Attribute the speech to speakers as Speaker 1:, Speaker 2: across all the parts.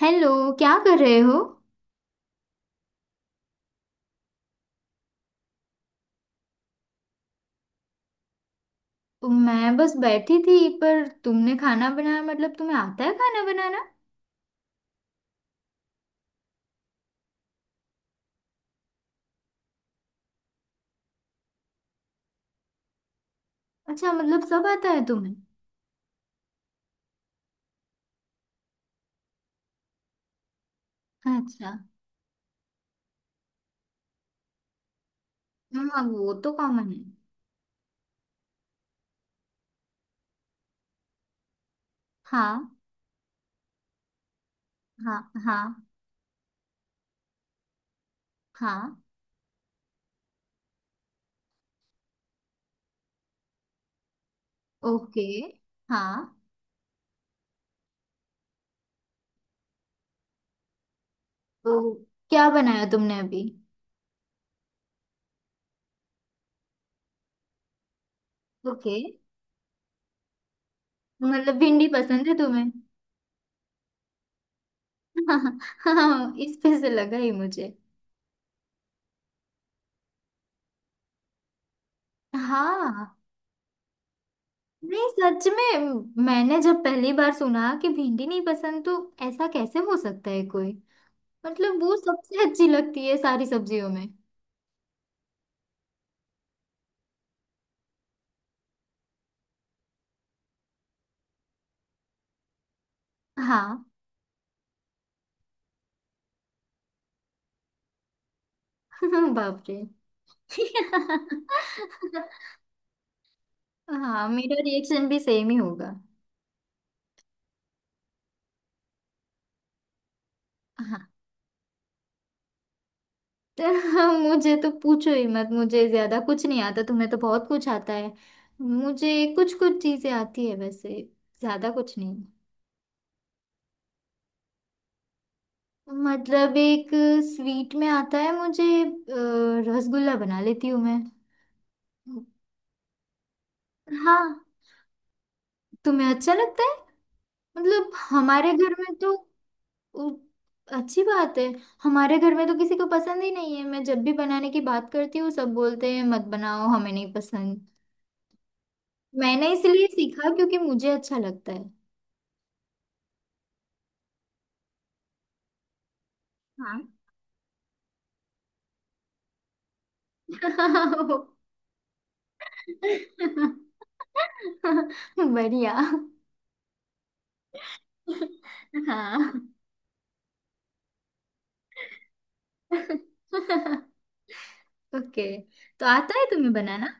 Speaker 1: Hello. क्या कर रहे हो? मैं बस बैठी थी, पर तुमने खाना बनाया, मतलब तुम्हें आता है खाना बनाना? अच्छा, मतलब सब आता है तुम्हें? अच्छा। हाँ वो तो कॉमन है। हाँ। हाँ। हाँ। हाँ। ओके। हाँ तो क्या बनाया तुमने अभी? ओके। मतलब भिंडी पसंद है तुम्हें? हाँ, इस पे से लगा ही मुझे। हाँ, नहीं, सच में मैंने जब पहली बार सुना कि भिंडी नहीं पसंद, तो ऐसा कैसे हो सकता है कोई। मतलब वो सबसे अच्छी लगती है सारी सब्जियों में। हाँ। बाप रे। हाँ, मेरा रिएक्शन भी सेम ही होगा। हाँ तो मुझे तो पूछो ही मत, मुझे ज्यादा कुछ नहीं आता, तुम्हें तो बहुत कुछ आता है। मुझे कुछ कुछ चीजें आती है वैसे, ज्यादा कुछ नहीं। मतलब एक स्वीट में आता है मुझे, रसगुल्ला बना लेती हूँ मैं। हाँ। तुम्हें अच्छा लगता है? मतलब हमारे घर में तो… उ- अच्छी बात है। हमारे घर में तो किसी को पसंद ही नहीं है, मैं जब भी बनाने की बात करती हूँ सब बोलते हैं मत बनाओ, हमें नहीं पसंद। मैंने इसलिए सीखा क्योंकि मुझे अच्छा लगता है। हाँ। हाँ बढ़िया। हाँ। हाँ। ओके। तो आता है तुम्हें बनाना?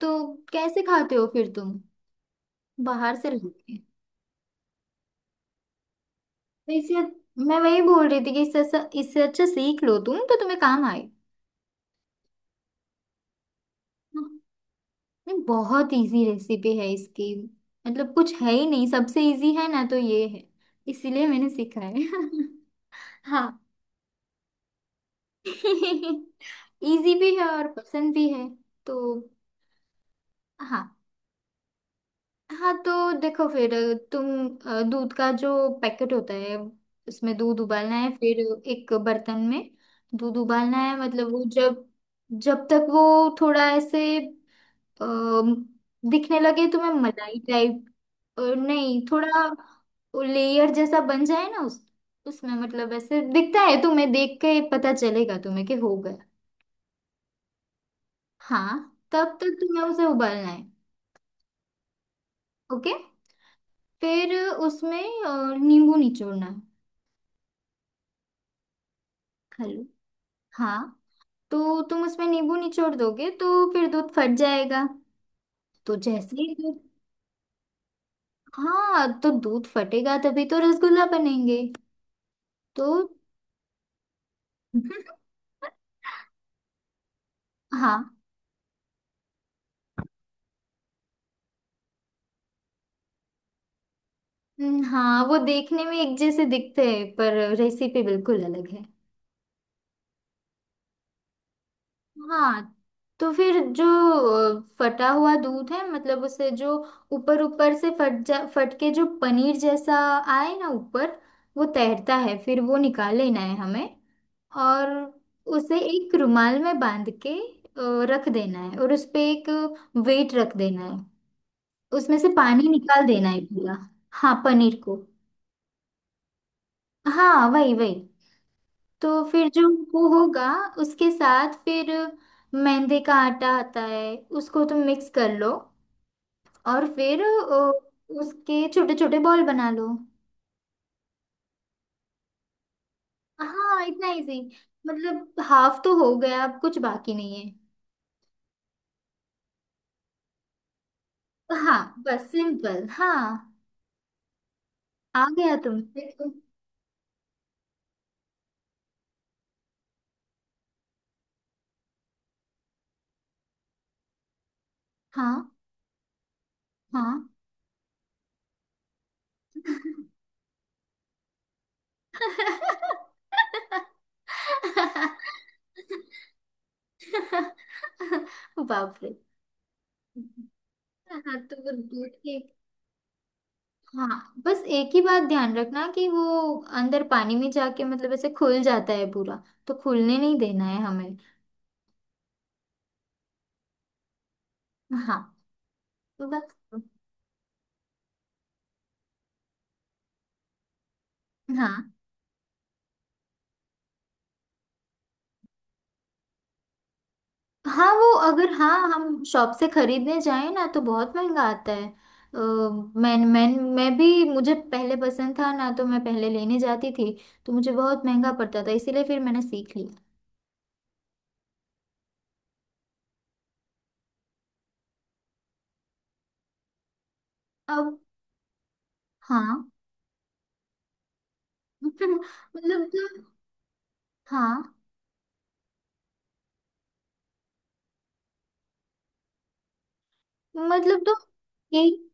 Speaker 1: तो कैसे खाते हो फिर तुम, बाहर से लाके? तो इससे… मैं वही बोल रही थी कि इससे अच्छा सीख लो तुम, तो तुम्हें काम आए। हाँ, नहीं बहुत इजी रेसिपी है इसकी। मतलब कुछ है ही नहीं, सबसे इजी है ना तो ये है। इसीलिए मैंने सीखा है। हाँ। इजी भी है और पसंद भी है। तो हाँ। हाँ तो देखो फिर तुम, दूध का जो पैकेट होता है उसमें दूध उबालना है। फिर एक बर्तन में दूध उबालना है, मतलब वो जब जब तक वो थोड़ा ऐसे अम, दिखने लगे तुम्हें, मलाई टाइप। नहीं, थोड़ा लेयर जैसा बन जाए ना उस उसमें, मतलब ऐसे दिखता है, तुम्हें देख के पता चलेगा तुम्हें कि हो गया। हाँ, तब तक तुम्हें उसे उबालना है। ओके। फिर उसमें नींबू निचोड़ना है। हेलो। हाँ। तो तुम उसमें नींबू निचोड़ दोगे तो फिर दूध फट जाएगा। तो जैसे ही दूध… हाँ, तो दूध फटेगा तभी तो रसगुल्ला बनेंगे। तो हाँ। हाँ वो देखने में एक जैसे दिखते हैं पर रेसिपी बिल्कुल अलग है। हाँ। तो फिर जो फटा हुआ दूध है, मतलब उसे जो ऊपर ऊपर से फट के जो पनीर जैसा आए ना ऊपर, वो तैरता है, फिर वो निकाल लेना है हमें। और उसे एक रुमाल में बांध के रख देना है, और उस पे एक वेट रख देना है। उसमें से पानी निकाल देना है पूरा। हाँ पनीर को। हाँ, वही वही। तो फिर जो वो होगा उसके साथ फिर मैदे का आटा आता है, उसको तुम मिक्स कर लो। और फिर उसके छोटे छोटे बॉल बना लो। हाँ इतना इजी। मतलब हाफ तो हो गया, अब कुछ बाकी नहीं है। हाँ बस सिंपल। हाँ आ गया, तुम देखो। हाँ। हाँ बाप रे। हाँ तो वो दूध के… हाँ, बस एक ही बात ध्यान रखना कि वो अंदर पानी में जाके मतलब ऐसे खुल जाता है पूरा, तो खुलने नहीं देना है हमें। हाँ। तो बस। हाँ। हाँ वो अगर… हाँ हम शॉप से खरीदने जाएं ना तो बहुत महंगा आता है। अ, मैं मैं मैं भी, मुझे पहले पसंद था ना तो मैं पहले लेने जाती थी, तो मुझे बहुत महंगा पड़ता था, इसीलिए फिर मैंने सीख लिया। अब हाँ। मतलब तो हाँ, मतलब तो एक…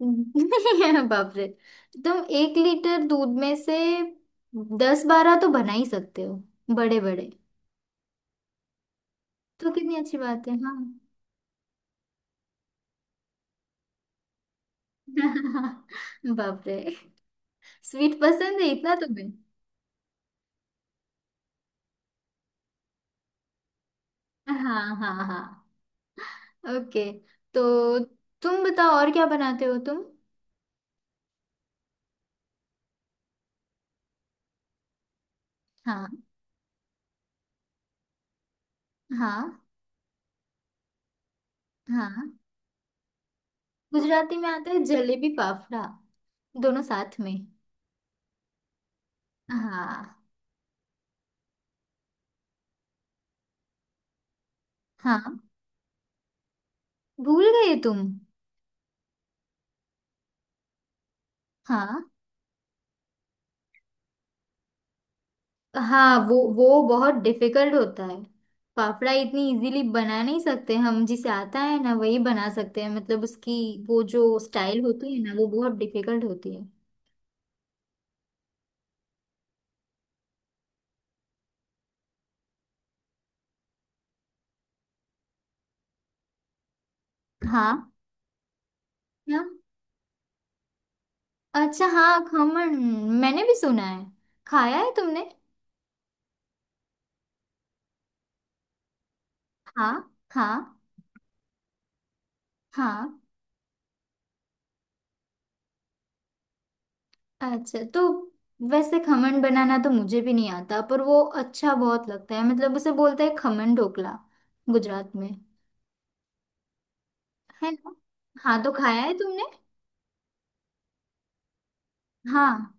Speaker 1: बाप रे, तुम 1 लीटर दूध में से 10-12 तो बना ही सकते हो, बड़े बड़े। तो कितनी अच्छी बात है। हाँ। बाप रे, स्वीट पसंद है इतना तुम्हें? हाँ हाँ हाँ। ओके। तो तुम बताओ और क्या बनाते हो तुम। हाँ हाँ हाँ। गुजराती में आता है जलेबी फाफड़ा दोनों साथ में। हाँ। हाँ भूल गए तुम? हाँ। हाँ वो बहुत डिफिकल्ट होता है। फाफड़ा इतनी इजीली बना नहीं सकते हम, जिसे आता है ना वही बना सकते हैं, मतलब उसकी वो जो स्टाइल होती है ना वो बहुत डिफिकल्ट होती है। हाँ। अच्छा हाँ, खमण। मैंने भी सुना है। खाया है तुमने? हाँ हाँ हाँ। अच्छा तो… वैसे खमण बनाना तो मुझे भी नहीं आता, पर वो अच्छा बहुत लगता है, मतलब उसे बोलते हैं खमण ढोकला गुजरात में। है ना। हाँ, तो खाया है तुमने? हाँ।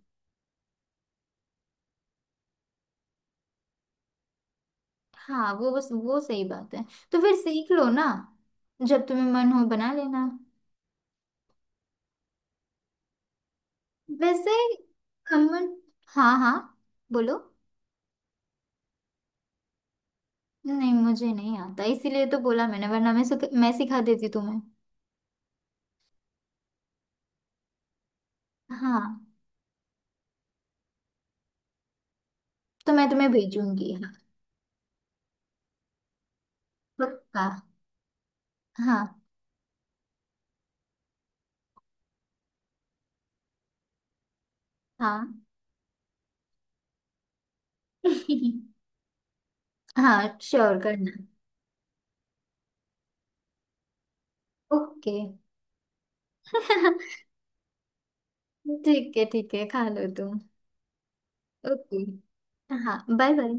Speaker 1: हाँ वो, बस वो सही बात है। तो फिर सीख लो ना, जब तुम्हें मन हो बना लेना। वैसे खमण। हाँ हाँ। बोलो। नहीं, मुझे नहीं आता इसीलिए तो बोला मैंने, वरना मैं मैं सिखा देती तुम्हें। हाँ। तो मैं तुम्हें भेजूंगी, हाँ, पक्का। हाँ। हाँ। हाँ, श्योर करना। ओके। ठीक है ठीक है, खा लो तुम। ओके। हाँ, बाय बाय।